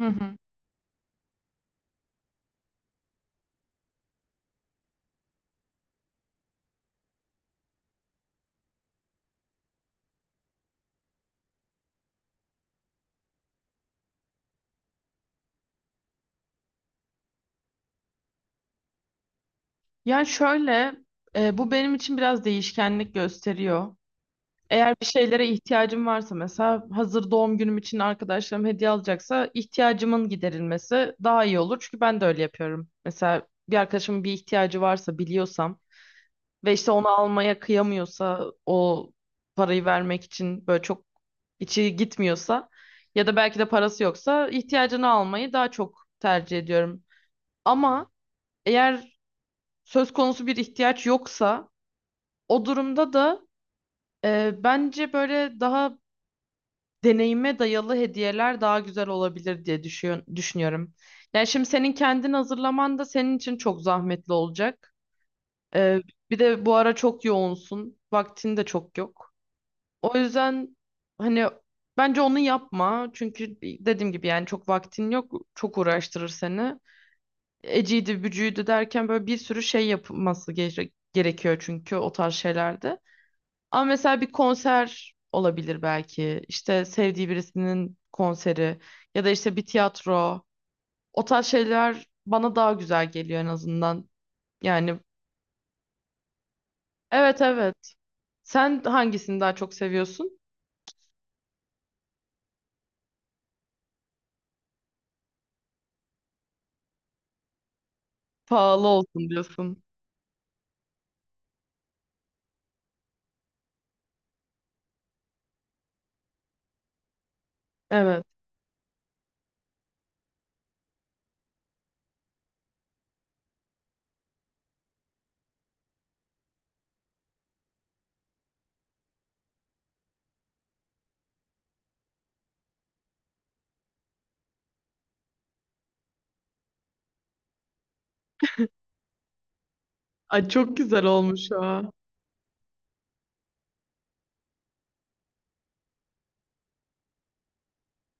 Hı hı. Yani şöyle, bu benim için biraz değişkenlik gösteriyor. Eğer bir şeylere ihtiyacım varsa mesela hazır doğum günüm için arkadaşlarım hediye alacaksa ihtiyacımın giderilmesi daha iyi olur. Çünkü ben de öyle yapıyorum. Mesela bir arkadaşımın bir ihtiyacı varsa biliyorsam ve işte onu almaya kıyamıyorsa o parayı vermek için böyle çok içi gitmiyorsa ya da belki de parası yoksa ihtiyacını almayı daha çok tercih ediyorum. Ama eğer söz konusu bir ihtiyaç yoksa o durumda da bence böyle daha deneyime dayalı hediyeler daha güzel olabilir diye düşünüyorum. Yani şimdi senin kendin hazırlaman da senin için çok zahmetli olacak. E, bir de bu ara çok yoğunsun. Vaktin de çok yok. O yüzden hani bence onu yapma. Çünkü dediğim gibi yani çok vaktin yok. Çok uğraştırır seni. Eciydi, bücüydü derken böyle bir sürü şey yapılması gerekiyor çünkü o tarz şeylerde. Ama mesela bir konser olabilir belki. İşte sevdiği birisinin konseri ya da işte bir tiyatro. O tarz şeyler bana daha güzel geliyor en azından. Yani evet, evet. Sen hangisini daha çok seviyorsun? Pahalı olsun diyorsun. Evet. Ay çok güzel olmuş ha.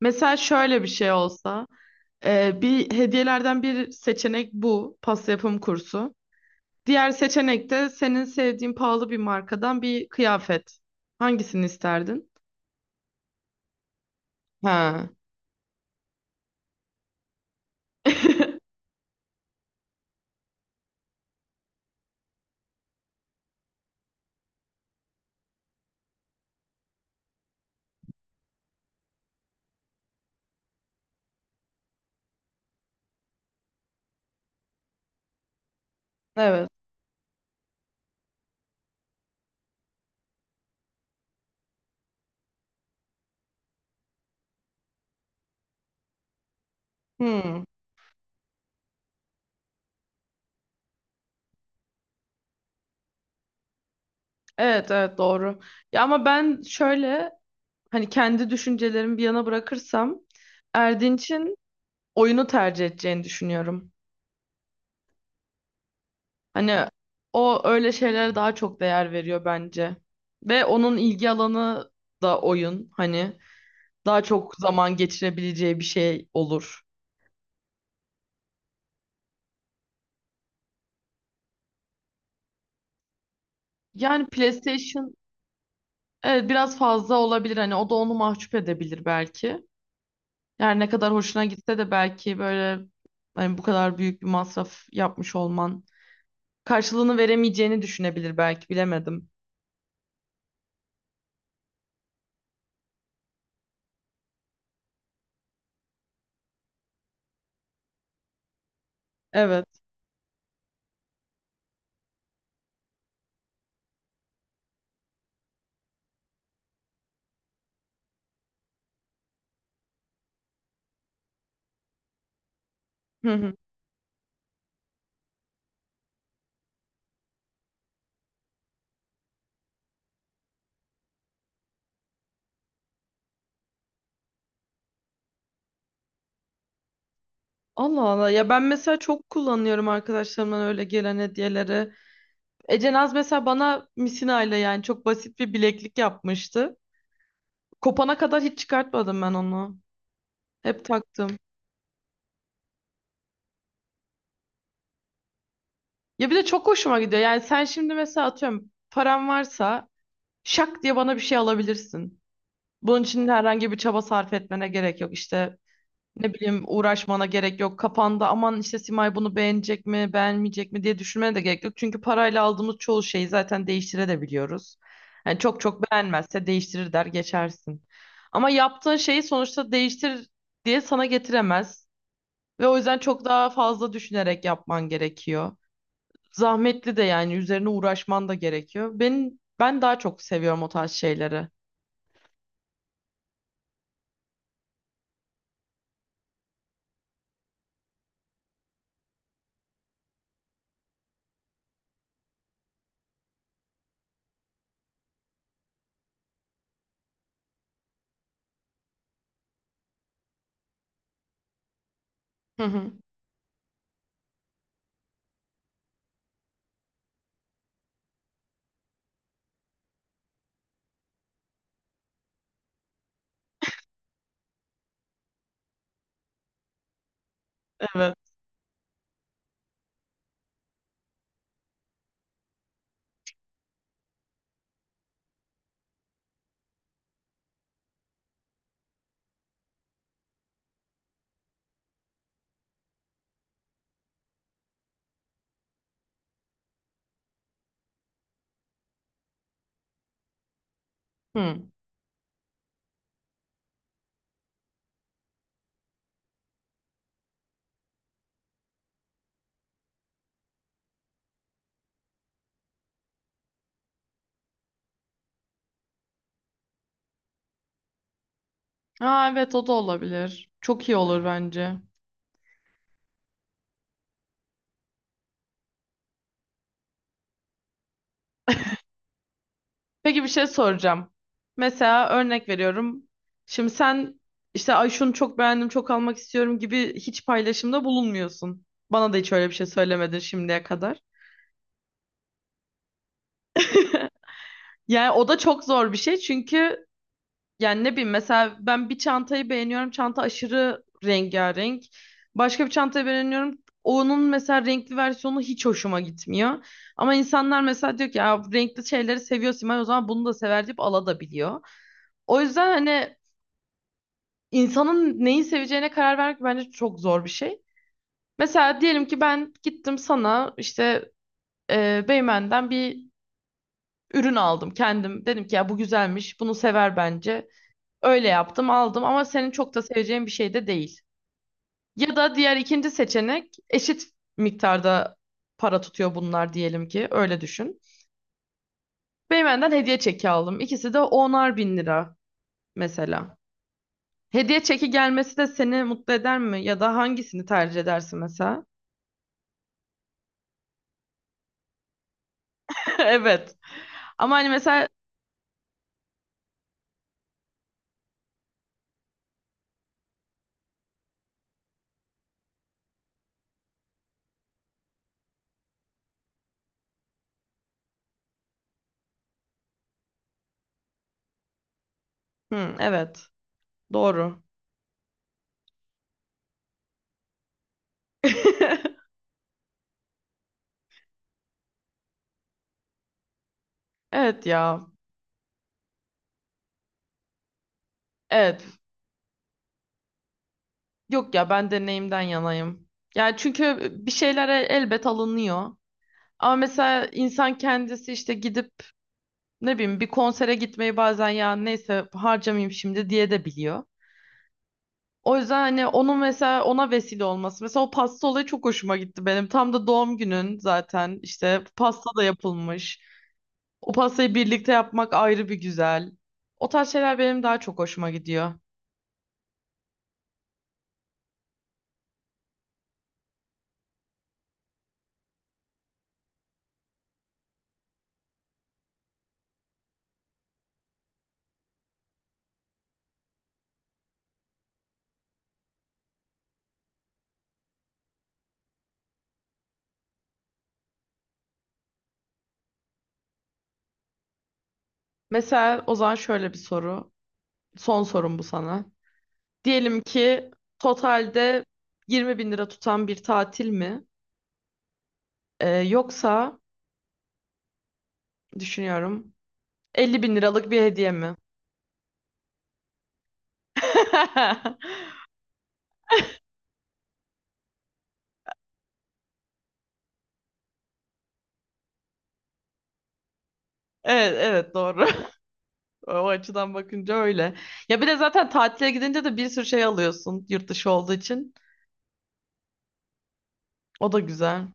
Mesela şöyle bir şey olsa, bir hediyelerden bir seçenek bu pasta yapım kursu. Diğer seçenek de senin sevdiğin pahalı bir markadan bir kıyafet. Hangisini isterdin? Ha. Evet. Hmm. Evet, evet, doğru. Ya ama ben şöyle hani kendi düşüncelerimi bir yana bırakırsam Erdinç'in oyunu tercih edeceğini düşünüyorum. Hani o öyle şeylere daha çok değer veriyor bence. Ve onun ilgi alanı da oyun. Hani daha çok zaman geçirebileceği bir şey olur. Yani PlayStation evet biraz fazla olabilir. Hani o da onu mahcup edebilir belki. Yani ne kadar hoşuna gitse de belki böyle hani bu kadar büyük bir masraf yapmış olman karşılığını veremeyeceğini düşünebilir belki bilemedim. Evet. Hı hı. Allah Allah ya, ben mesela çok kullanıyorum arkadaşlarımdan öyle gelen hediyeleri. Ece Naz mesela bana misinayla yani çok basit bir bileklik yapmıştı. Kopana kadar hiç çıkartmadım ben onu. Hep taktım. Ya bir de çok hoşuma gidiyor. Yani sen şimdi mesela atıyorum param varsa şak diye bana bir şey alabilirsin. Bunun için herhangi bir çaba sarf etmene gerek yok. İşte ne bileyim uğraşmana gerek yok. Kafanda aman işte Simay bunu beğenecek mi, beğenmeyecek mi diye düşünmene de gerek yok. Çünkü parayla aldığımız çoğu şeyi zaten değiştirebiliyoruz. Yani çok çok beğenmezse değiştirir der geçersin. Ama yaptığın şeyi sonuçta değiştir diye sana getiremez. Ve o yüzden çok daha fazla düşünerek yapman gerekiyor. Zahmetli de, yani üzerine uğraşman da gerekiyor. Ben daha çok seviyorum o tarz şeyleri. Hı hı. Evet. Hı. Aa, evet o da olabilir. Çok iyi olur bence. Peki bir şey soracağım. Mesela örnek veriyorum. Şimdi sen işte ay şunu çok beğendim çok almak istiyorum gibi hiç paylaşımda bulunmuyorsun. Bana da hiç öyle bir şey söylemedin şimdiye kadar. Yani o da çok zor bir şey çünkü yani ne bileyim mesela ben bir çantayı beğeniyorum. Çanta aşırı rengarenk. Başka bir çantayı beğeniyorum. Onun mesela renkli versiyonu hiç hoşuma gitmiyor. Ama insanlar mesela diyor ki ya renkli şeyleri seviyor Simay, o zaman bunu da sever deyip alabiliyor. O yüzden hani insanın neyi seveceğine karar vermek bence çok zor bir şey. Mesela diyelim ki ben gittim sana işte Beymen'den bir ürün aldım kendim. Dedim ki ya bu güzelmiş, bunu sever bence. Öyle yaptım, aldım ama senin çok da seveceğin bir şey de değil. Ya da diğer ikinci seçenek eşit miktarda para tutuyor bunlar diyelim ki, öyle düşün. Beymen'den hediye çeki aldım. İkisi de onar bin lira mesela. Hediye çeki gelmesi de seni mutlu eder mi? Ya da hangisini tercih edersin mesela? Evet. Ama hani mesela hı, evet. Doğru. Evet ya. Evet. Yok ya, ben deneyimden yanayım. Yani çünkü bir şeylere elbet alınıyor. Ama mesela insan kendisi işte gidip ne bileyim bir konsere gitmeyi bazen ya neyse harcamayayım şimdi diye de biliyor. O yüzden hani onun mesela ona vesile olması. Mesela o pasta olayı çok hoşuma gitti benim. Tam da doğum günün zaten işte pasta da yapılmış. O pastayı birlikte yapmak ayrı bir güzel. O tarz şeyler benim daha çok hoşuma gidiyor. Mesela o zaman şöyle bir soru. Son sorum bu sana. Diyelim ki totalde 20 bin lira tutan bir tatil mi? Yoksa düşünüyorum. 50 bin liralık bir hediye mi? Evet, evet doğru. O açıdan bakınca öyle. Ya bir de zaten tatile gidince de bir sürü şey alıyorsun yurt dışı olduğu için. O da güzel.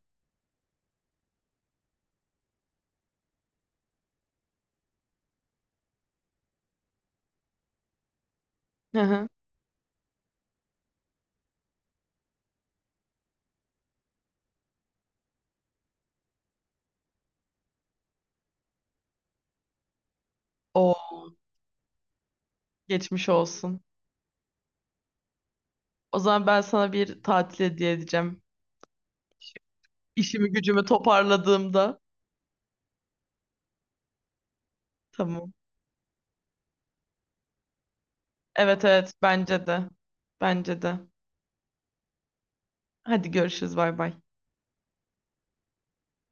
Hı hı. O geçmiş olsun. O zaman ben sana bir tatil hediye edeceğim. İşimi gücümü toparladığımda. Tamam. Evet, evet bence de. Bence de. Hadi görüşürüz, bay bay.